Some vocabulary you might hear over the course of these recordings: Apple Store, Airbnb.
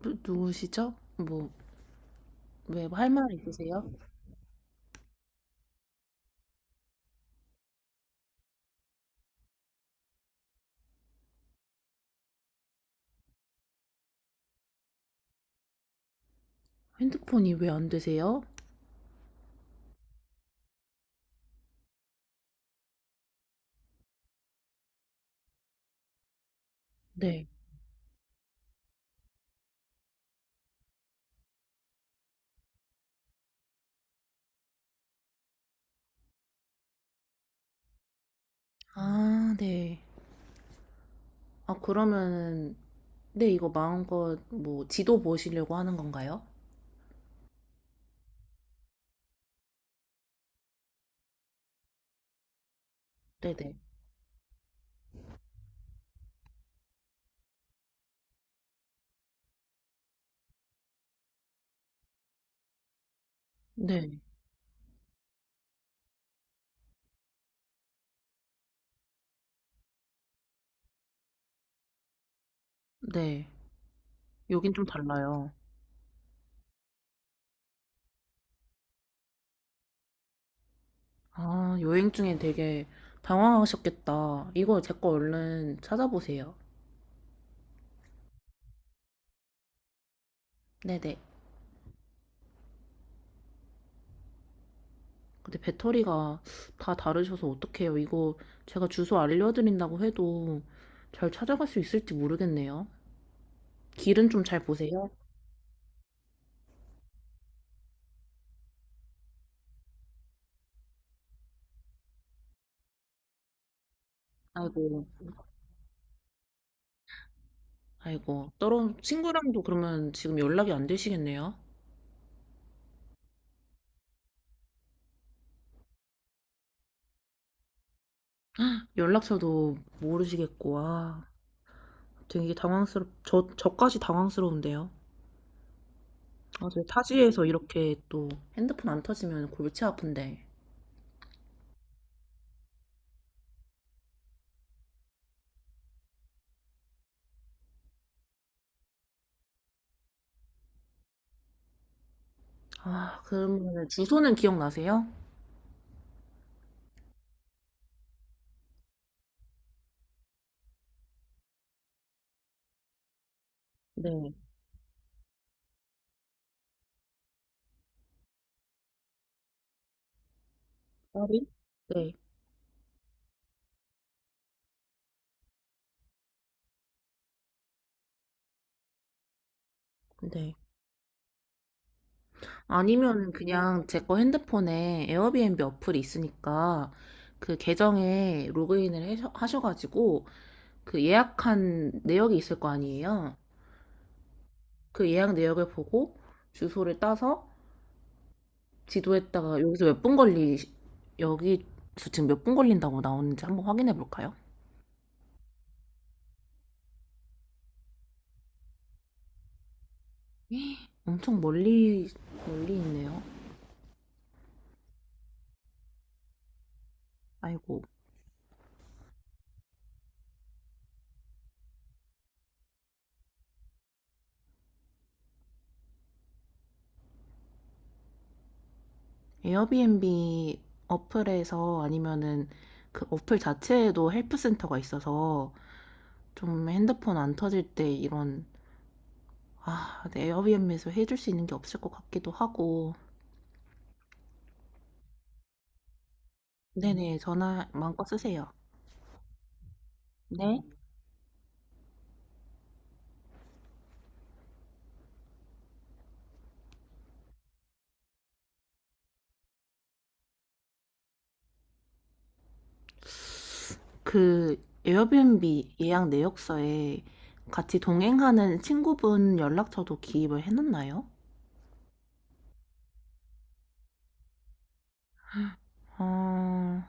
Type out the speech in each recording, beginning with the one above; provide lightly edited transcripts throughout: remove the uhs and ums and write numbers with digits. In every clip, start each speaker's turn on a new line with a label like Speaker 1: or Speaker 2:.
Speaker 1: 누구시죠? 뭐, 왜 할 말 있으세요? 핸드폰이 왜 안 되세요? 네. 아, 네. 아, 그러면은, 네, 이거 마음껏 뭐 지도 보시려고 하는 건가요? 네네. 네. 네. 네. 여긴 좀 달라요. 아, 여행 중에 되게 당황하셨겠다. 이거 제 거 얼른 찾아보세요. 네네. 근데 배터리가 다 다르셔서 어떡해요. 이거 제가 주소 알려드린다고 해도 잘 찾아갈 수 있을지 모르겠네요. 길은 좀 잘 보세요? 아이고, 아이고. 떨어 친구랑도 그러면 지금 연락이 안 되시겠네요? 연락처도 모르시겠고, 아, 저까지 당황스러운데요? 아, 저 타지에서 이렇게 또 핸드폰 안 터지면 골치 아픈데. 아, 그러면 주소는 기억나세요? 네. 파리? 네. 네. 아니면 그냥 제 거 핸드폰에 에어비앤비 어플이 있으니까 그 계정에 로그인을 하셔가지고 그 예약한 내역이 있을 거 아니에요. 그 예약 내역을 보고 주소를 따서 지도에다가 여기 지금 몇 분 걸린다고 나오는지 한번 확인해 볼까요? 엄청 멀리, 멀리 있네요. 아이고. 에어비앤비 어플에서 아니면은 그 어플 자체에도 헬프센터가 있어서 좀 핸드폰 안 터질 때 이런, 아, 네, 에어비앤비에서 해줄 수 있는 게 없을 것 같기도 하고. 네네, 전화 마음껏 쓰세요. 네. 그 에어비앤비 예약 내역서에 같이 동행하는 친구분 연락처도 기입을 해놨나요? 아,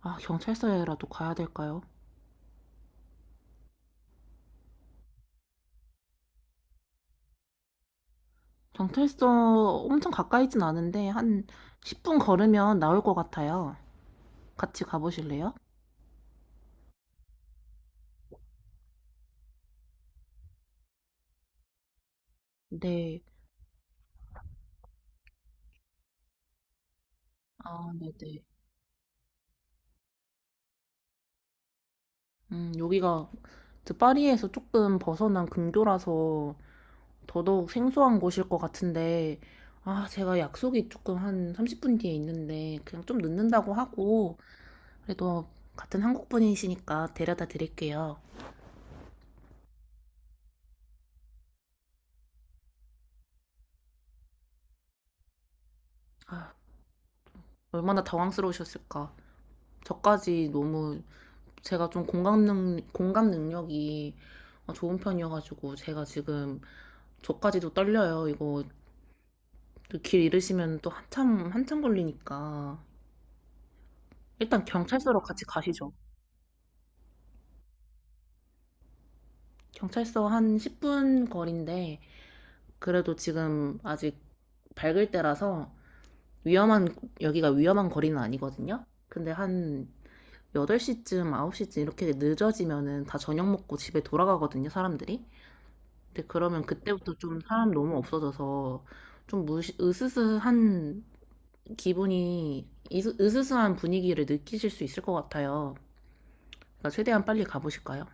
Speaker 1: 아, 경찰서에라도 가야 될까요? 경찰서 엄청 가까이진 않은데 한 10분 걸으면 나올 것 같아요. 같이 가보실래요? 네. 아, 네네. 여기가 그 파리에서 조금 벗어난 근교라서 더더욱 생소한 곳일 것 같은데, 아, 제가 약속이 조금 한 30분 뒤에 있는데, 그냥 좀 늦는다고 하고, 그래도 같은 한국 분이시니까 데려다 드릴게요. 아, 얼마나 당황스러우셨을까. 저까지 너무 제가 좀 공감 능력이 좋은 편이어가지고, 제가 지금 저까지도 떨려요. 이거 또길 잃으시면 또 한참 걸리니까. 일단 경찰서로 같이 가시죠. 경찰서 한 10분 거리인데, 그래도 지금 아직 밝을 때라서 위험한, 여기가 위험한 거리는 아니거든요? 근데 한 8시쯤, 9시쯤 이렇게 늦어지면은 다 저녁 먹고 집에 돌아가거든요, 사람들이. 근데 그러면 그때부터 좀 사람 너무 없어져서 으스스한 으스스한 분위기를 느끼실 수 있을 것 같아요. 그러니까 최대한 빨리 가보실까요?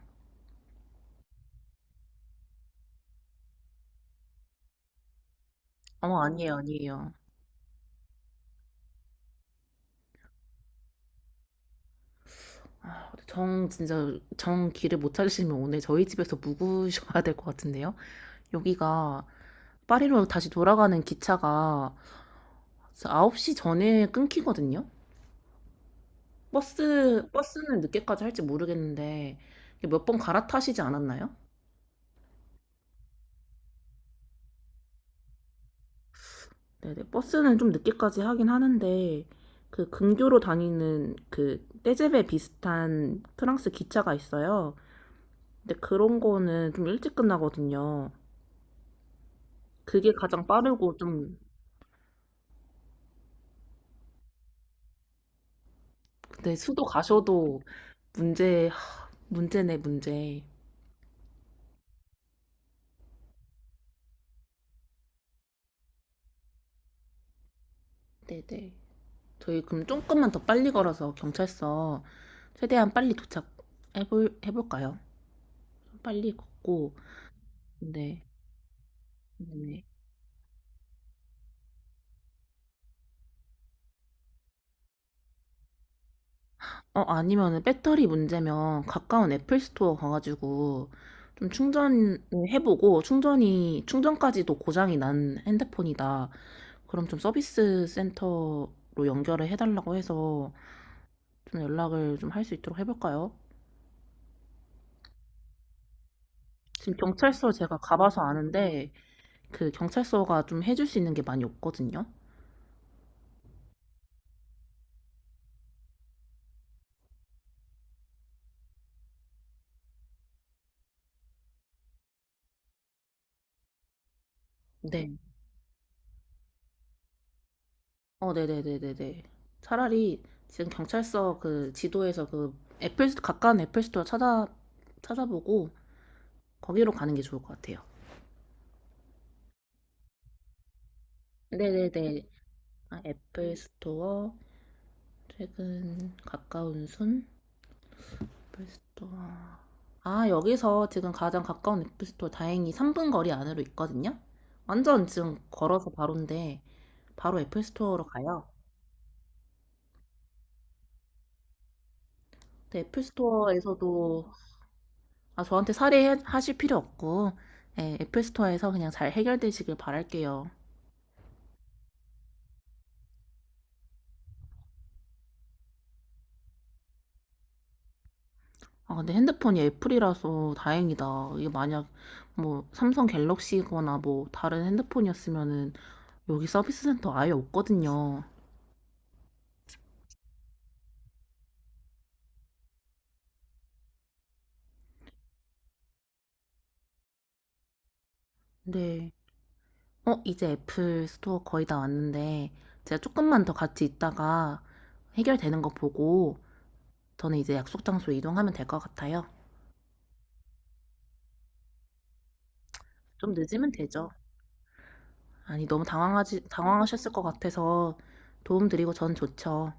Speaker 1: 어머, 아니에요. 아, 정 길을 못 찾으시면 오늘 저희 집에서 묵으셔야 될 것 같은데요? 여기가 파리로 다시 돌아가는 기차가 9시 전에 끊기거든요? 버스는 늦게까지 할지 모르겠는데, 몇 번 갈아타시지 않았나요? 네네, 버스는 좀 늦게까지 하긴 하는데, 그 근교로 다니는 그 떼제베 비슷한 프랑스 기차가 있어요. 근데 그런 거는 좀 일찍 끝나거든요. 그게 가장 빠르고 좀, 근데 수도 가셔도 문제네, 문제. 네네. 저희 그럼 조금만 더 빨리 걸어서 경찰서 최대한 빨리 해볼까요? 빨리 걷고, 네. 네. 어, 아니면은 배터리 문제면 가까운 애플 스토어 가가지고 좀 충전을 해보고 충전까지도 고장이 난 핸드폰이다. 그럼 좀 서비스 센터로 연결을 해달라고 해서 좀 연락을 좀 할 수 있도록 해볼까요? 지금 경찰서 제가 가봐서 아는데 그 경찰서가 좀 해줄 수 있는 게 많이 없거든요. 네. 어, 네네네네네. 차라리 지금 경찰서 그 지도에서 그 가까운 애플 스토어 찾아보고 거기로 가는 게 좋을 것 같아요. 네네네. 아, 최근 가까운 순, 애플 스토어. 아, 여기서 지금 가장 가까운 애플 스토어 다행히 3분 거리 안으로 있거든요? 완전 지금 걸어서 바로인데, 바로 애플 스토어로 가요. 근데 애플 스토어에서도 아, 저한테 살해하실 필요 없고, 예, 애플 스토어에서 그냥 잘 해결되시길 바랄게요. 아, 근데 핸드폰이 애플이라서 다행이다. 이게 만약 뭐 삼성 갤럭시거나 뭐 다른 핸드폰이었으면은 여기 서비스 센터 아예 없거든요. 근데, 어, 이제 애플 스토어 거의 다 왔는데, 제가 조금만 더 같이 있다가 해결되는 거 보고, 저는 이제 약속 장소로 이동하면 될 것 같아요. 좀 늦으면 되죠. 아니, 당황하셨을 것 같아서 도움드리고 전 좋죠.